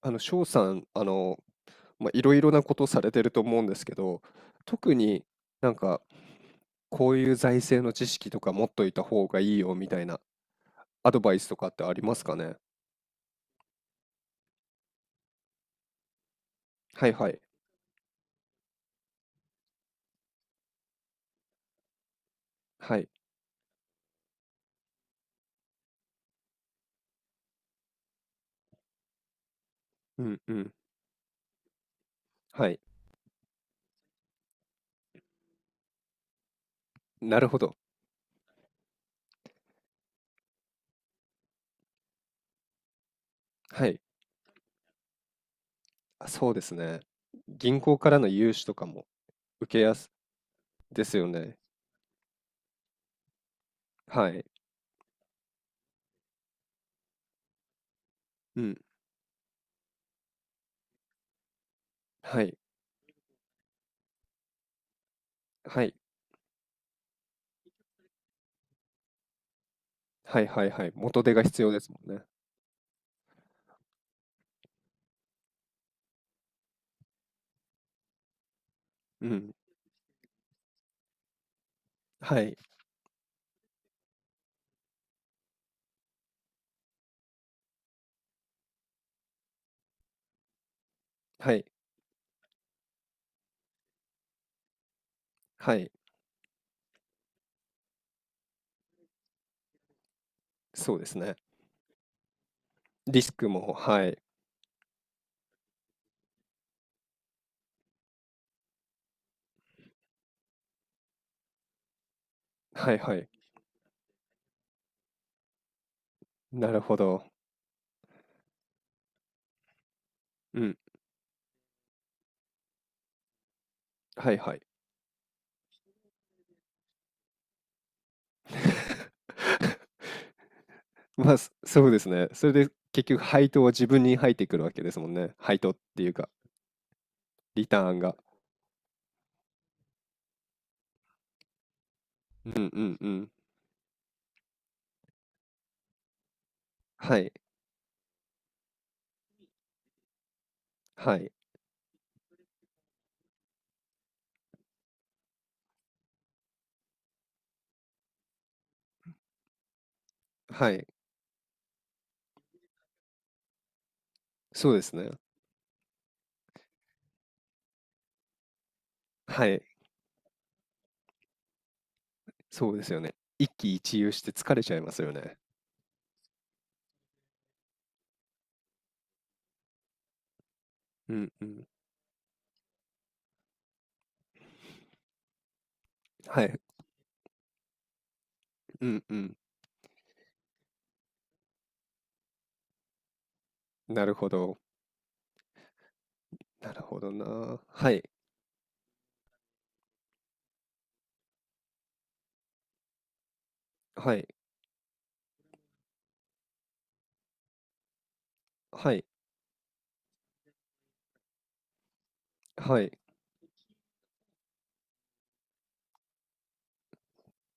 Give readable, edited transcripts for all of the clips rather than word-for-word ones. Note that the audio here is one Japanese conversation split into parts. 翔さん、まあ、いろいろなことされてると思うんですけど、特になんか、こういう財政の知識とか持っといた方がいいよみたいなアドバイスとかってありますかね？はいはい。はい。うんうん。はい。なるほど。はい。あ、そうですね。銀行からの融資とかも受けやすですよね。はい。うん。はい。はい。はいはいはい。元手が必要ですもんね。うん。はい。はい。はい。そうですね。リスクも、はい。はいはい。なるほど。うん。はいはい。まあ、そうですね。それで結局配当は自分に入ってくるわけですもんね。配当っていうか、リターンが。うんうんうん。はい。はい。はい。そうですね。はい。そうですよね。一喜一憂して疲れちゃいますよね。うんうん。はい。うんうん。なるほど。なるほどな。はい。はい。はい。はい。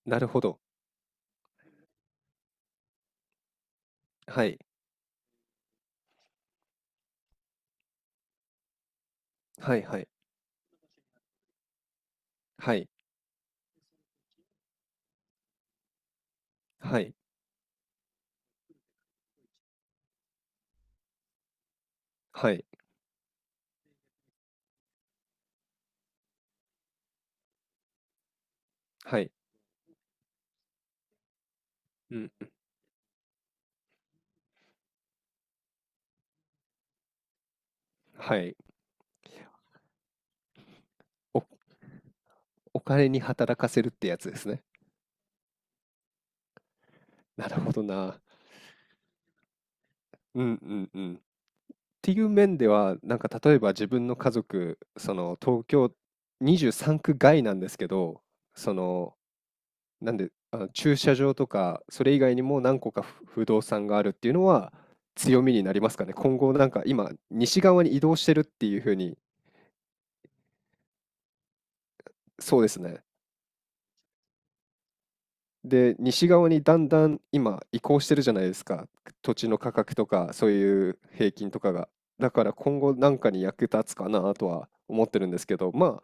なるほど。はい。はいはい。はい。はい。はい。はい。うん。はい。お金に働かせるってやつですね。なるほどな。うんうんうん。っていう面では、なんか例えば自分の家族、その東京23区外なんですけど、その、なんで、あの駐車場とか、それ以外にも何個か不動産があるっていうのは強みになりますかね。今後なんか今、西側に移動してるっていうふうに、そうですね。で、西側にだんだん今移行してるじゃないですか。土地の価格とか、そういう平均とかが。だから今後なんかに役立つかなとは思ってるんですけど、まあ、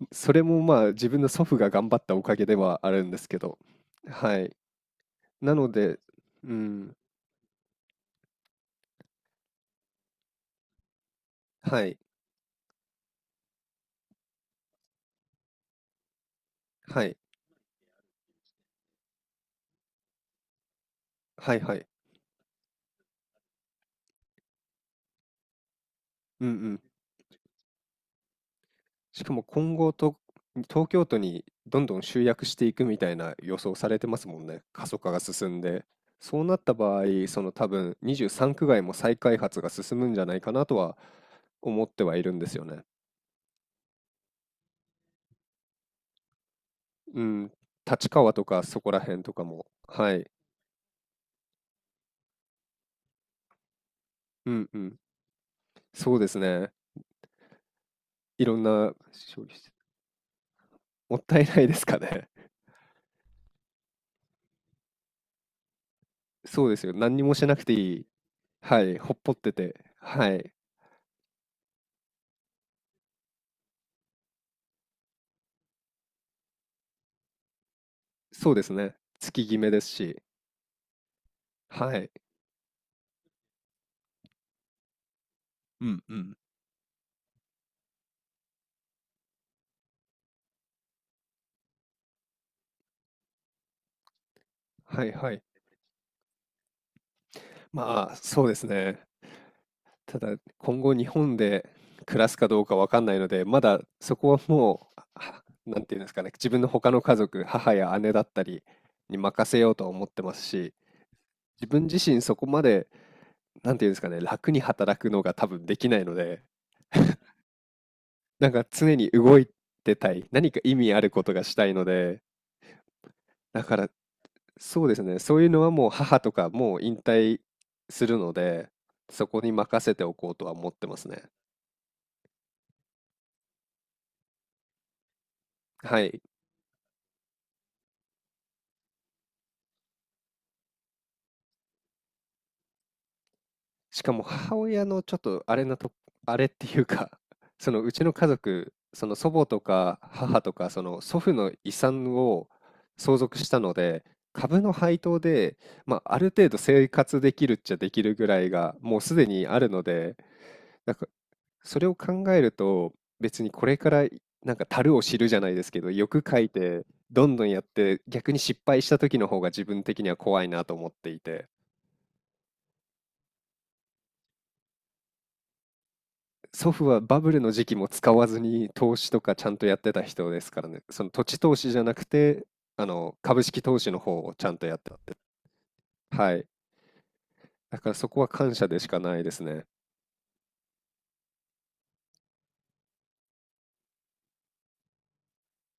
それもまあ自分の祖父が頑張ったおかげではあるんですけど。はい。なので、うん、はい、はい、はい、はい。うんうん。しかも今後と、東京都にどんどん集約していくみたいな予想されてますもんね。過疎化が進んで。そうなった場合、その多分23区外も再開発が進むんじゃないかなとは思ってはいるんですよね。うん。立川とかそこら辺とかも。はい。うんうん。そうですね。いろんな消費してもったいないですかね。そうですよ。何にもしなくていい。はい。ほっぽってて。はい。そうですね。月決めですし。はい。うんうん。はいはい。まあ、そうですね。ただ、今後日本で暮らすかどうかわかんないので、まだそこはもう、はなんていうんですかね、自分の他の家族、母や姉だったりに任せようとは思ってますし、自分自身そこまで、なんていうんですかね、楽に働くのが多分できないので、なんか常に動いてたい、何か意味あることがしたいので、だからそうですね。そういうのはもう母とかもう引退するので、そこに任せておこうとは思ってますね。はい。しかも母親のちょっとあれなと、あれっていうか、そのうちの家族、その祖母とか母とか、その祖父の遺産を相続したので、株の配当で、まあ、ある程度生活できるっちゃできるぐらいが、もうすでにあるので、なんか、それを考えると、別にこれからなんか足を知るじゃないですけど、欲書いて、どんどんやって、逆に失敗した時の方が自分的には怖いなと思っていて、祖父はバブルの時期も使わずに投資とかちゃんとやってた人ですからね。その土地投資じゃなくて、株式投資の方をちゃんとやってたって。はい。だからそこは感謝でしかないですね。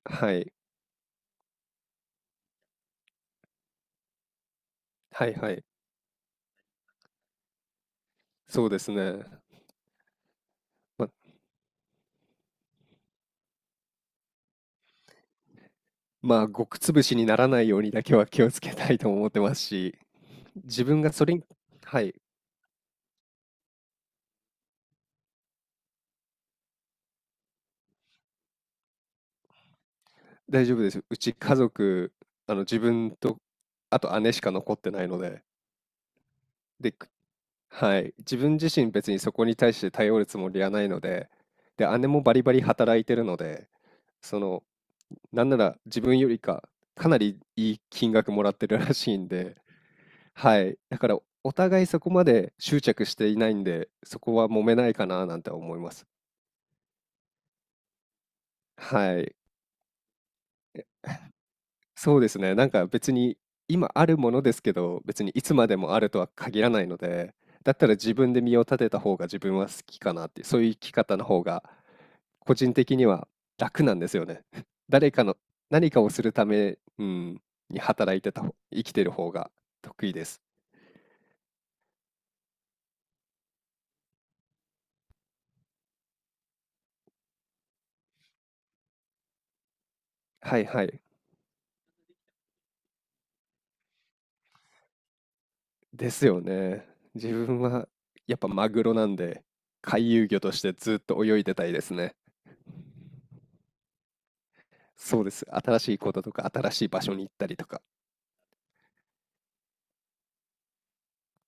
はい。はいはい。そうですね。ままあ、極潰しにならないようにだけは気をつけたいと思ってますし、自分がそれに、はい、大丈夫です。うち家族、自分と、あと姉しか残ってないので、で、はい、自分自身別にそこに対して頼るつもりはないので、で、姉もバリバリ働いてるので、その、なんなら自分よりか、かなりいい金額もらってるらしいんで、はい、だからお互いそこまで執着していないんで、そこは揉めないかななんて思います。はい、そうですね。なんか別に今あるものですけど、別にいつまでもあるとは限らないので、だったら自分で身を立てた方が自分は好きかなって、そういう生き方の方が個人的には楽なんですよね。誰かの何かをするため、うん、に働いてた方、生きてる方が得意です。はいはい。ですよね。自分はやっぱマグロなんで、回遊魚としてずっと泳いでたいですね。そうです。新しいこととか新しい場所に行ったりとか。